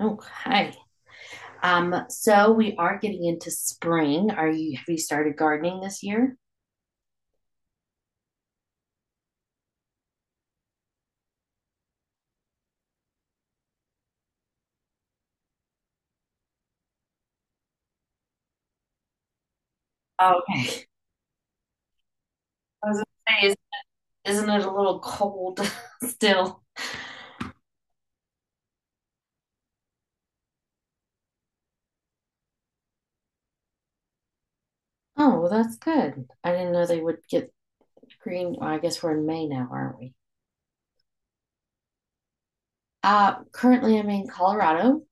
Okay. So we are getting into spring. Are you have you started gardening this year? Okay. I was gonna say, is- Isn't it a little cold still? Oh, well, that's good. I didn't know they would get green. Well, I guess we're in May now, aren't we? Currently I'm in Colorado,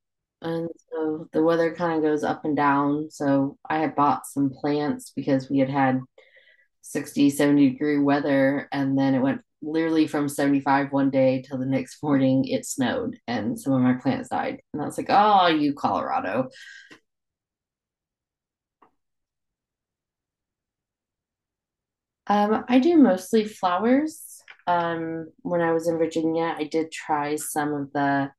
and so the weather kind of goes up and down. So I had bought some plants because we had 60, 70 degree weather. And then it went literally from 75 one day till the next morning it snowed and some of my plants died. And I was like, oh, you Colorado. I do mostly flowers. When I was in Virginia, I did try some of the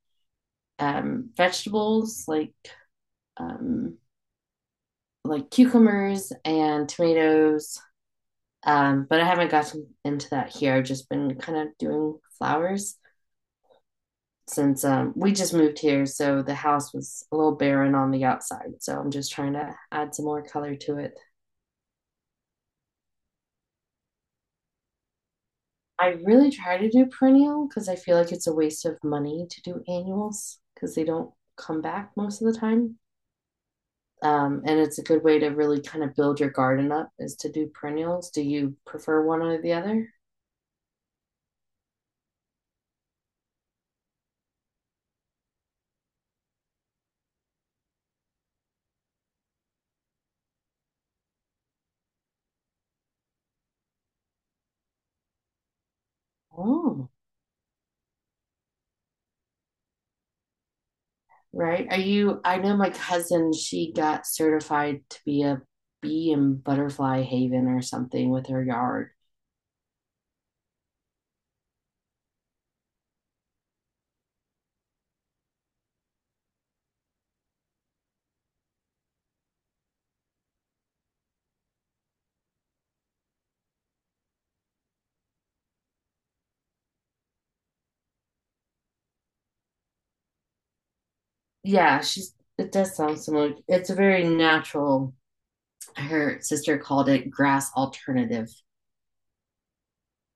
vegetables um, like cucumbers and tomatoes. But I haven't gotten into that here. I've just been kind of doing flowers, since we just moved here, so the house was a little barren on the outside. So I'm just trying to add some more color to it. I really try to do perennial because I feel like it's a waste of money to do annuals because they don't come back most of the time. And it's a good way to really kind of build your garden up is to do perennials. Do you prefer one or the other? Oh, right. Are you? I know my cousin, she got certified to be a bee and butterfly haven or something with her yard. Yeah, she's, it does sound similar. It's a very natural. Her sister called it grass alternative.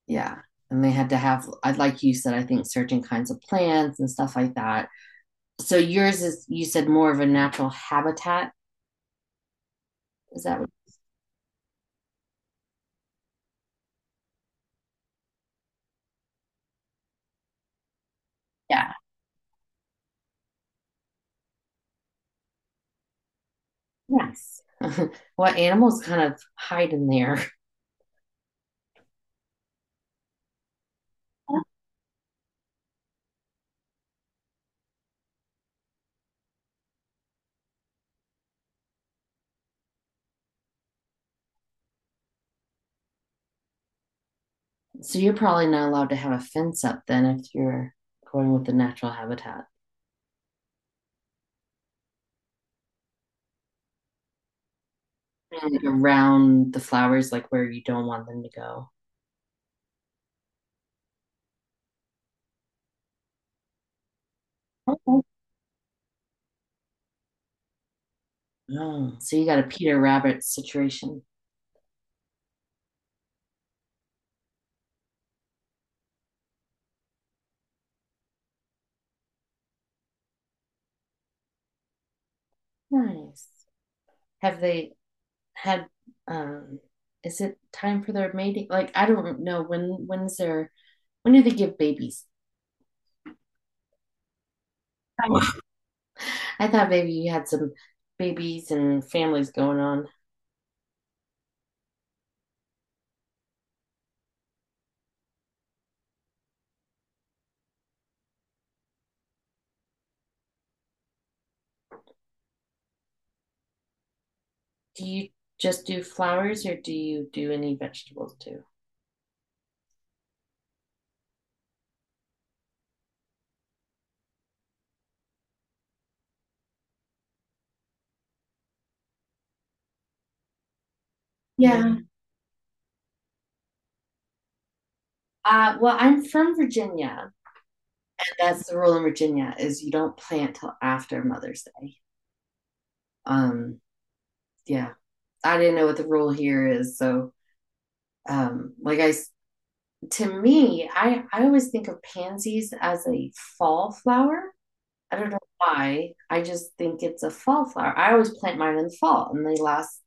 Yeah. And they had to have, I'd, like you said, I think certain kinds of plants and stuff like that. So yours is, you said, more of a natural habitat. Is that what? Yeah. Yes. What animals kind of hide in there? So you're probably not allowed to have a fence up then if you're going with the natural habitat and like, around the flowers, like where you don't want them to go. Oh, so you got a Peter Rabbit situation. Nice. Have they had um is it time for their mating? Like I don't know when's their when do they give babies? I I thought maybe you had some babies and families going on. Do you just do flowers or do you do any vegetables too? Yeah. Well, I'm from Virginia. That's the rule in Virginia is you don't plant till after Mother's Day. Um, yeah. I didn't know what the rule here is, so like I, to me, I always think of pansies as a fall flower. I don't know why. I just think it's a fall flower. I always plant mine in the fall, and they last,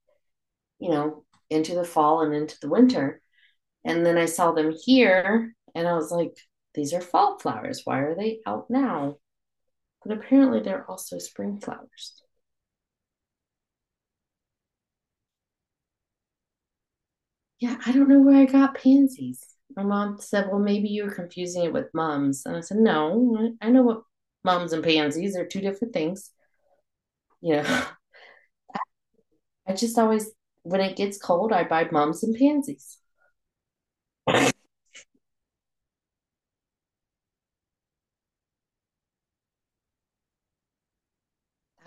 you know, into the fall and into the winter. And then I saw them here, and I was like, these are fall flowers. Why are they out now? But apparently, they're also spring flowers. Yeah, I don't know where I got pansies. My mom said, well, maybe you were confusing it with mums. And I said, no, I know what mums and pansies are two different things. You know, I just always, when it gets cold, I buy mums and pansies.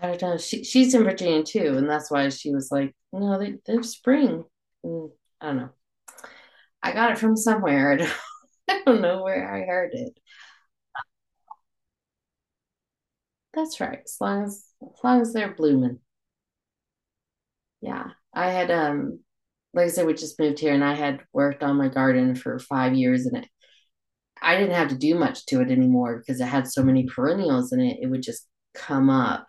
I don't know. She's in Virginia too. And that's why she was like, no, they're spring. And I don't know. I got it from somewhere. I don't know where I heard it. That's right. As long as they're blooming. Yeah. I had like I said, we just moved here and I had worked on my garden for 5 years and it, I didn't have to do much to it anymore because it had so many perennials in it. It would just come up.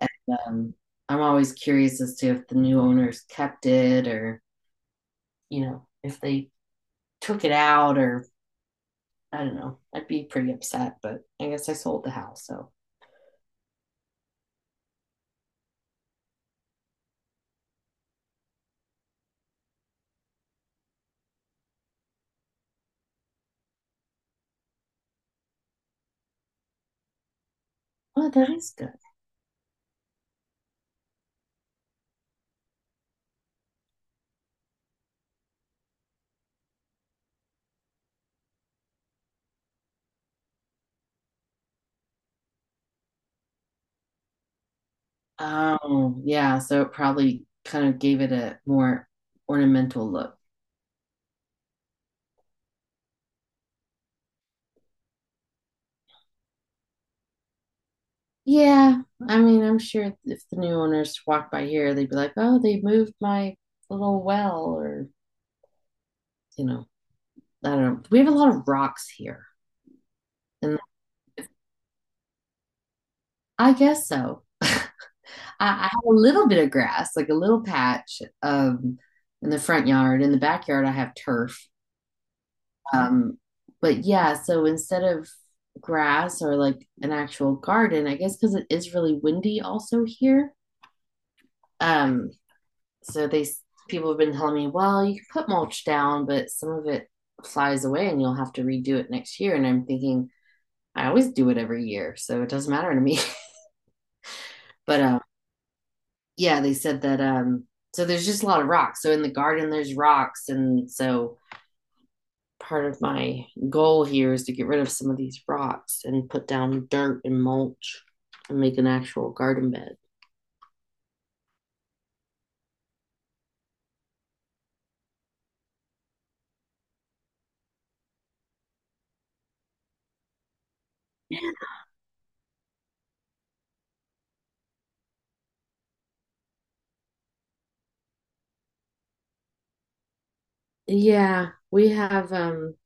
And um, I'm always curious as to if the new owners kept it or, you know, if they took it out or I don't know. I'd be pretty upset, but I guess I sold the house. So oh, that is good. Oh, yeah. So it probably kind of gave it a more ornamental look. Yeah. I mean, I'm sure if the new owners walk by here, they'd be like, oh, they moved my little well, or, you know, I don't know. We have a lot of rocks here. And I guess so. I have a little bit of grass, like a little patch in the front yard. In the backyard, I have turf. Um, but yeah, so instead of grass or like an actual garden, I guess because it is really windy also here. Um, so they people have been telling me, well, you can put mulch down, but some of it flies away and you'll have to redo it next year. And I'm thinking, I always do it every year, so it doesn't matter to me. But yeah, they said that so there's just a lot of rocks. So in the garden there's rocks and so part of my goal here is to get rid of some of these rocks and put down dirt and mulch and make an actual garden bed. Yeah,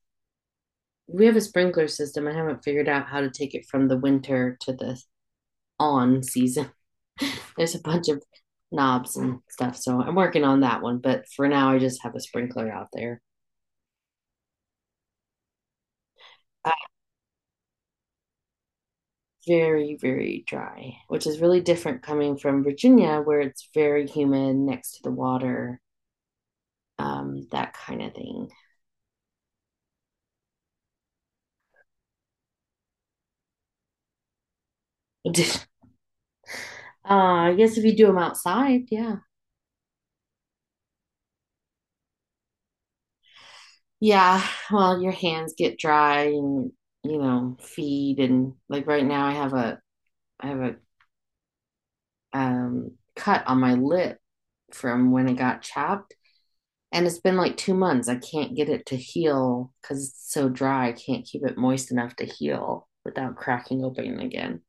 we have a sprinkler system. I haven't figured out how to take it from the winter to the on season. There's a bunch of knobs and stuff, so I'm working on that one, but for now I just have a sprinkler out there. Very, very dry, which is really different coming from Virginia, where it's very humid next to the water, that kind of thing. I guess if you do them outside, yeah. Yeah, well, your hands get dry and, you know, feed. And like right now, I have a cut on my lip from when it got chopped. And it's been like 2 months. I can't get it to heal because it's so dry. I can't keep it moist enough to heal without cracking open again.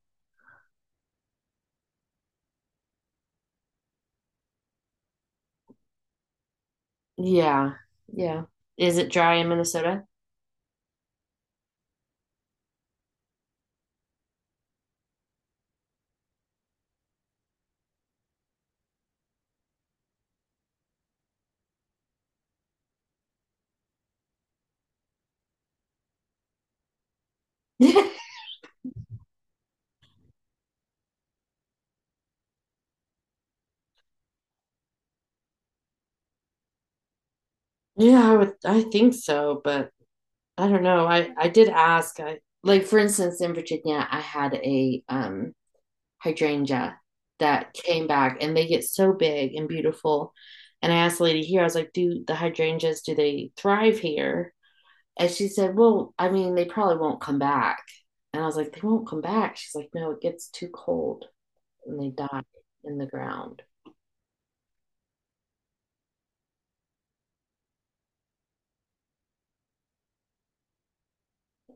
Yeah. Yeah. Is it dry in Minnesota? Yeah, I think so, but I don't know. I did ask. I like for instance in Virginia, I had a hydrangea that came back and they get so big and beautiful. And I asked the lady here, I was like, "Do the hydrangeas do they thrive here?" And she said, "Well, I mean, they probably won't come back." And I was like, "They won't come back." She's like, "No, it gets too cold and they die in the ground."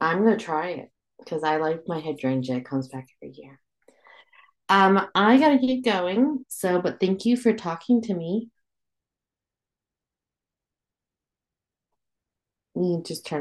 I'm gonna try it because I like my hydrangea. It comes back every year. I gotta get going. So, but thank you for talking to me. You just turn.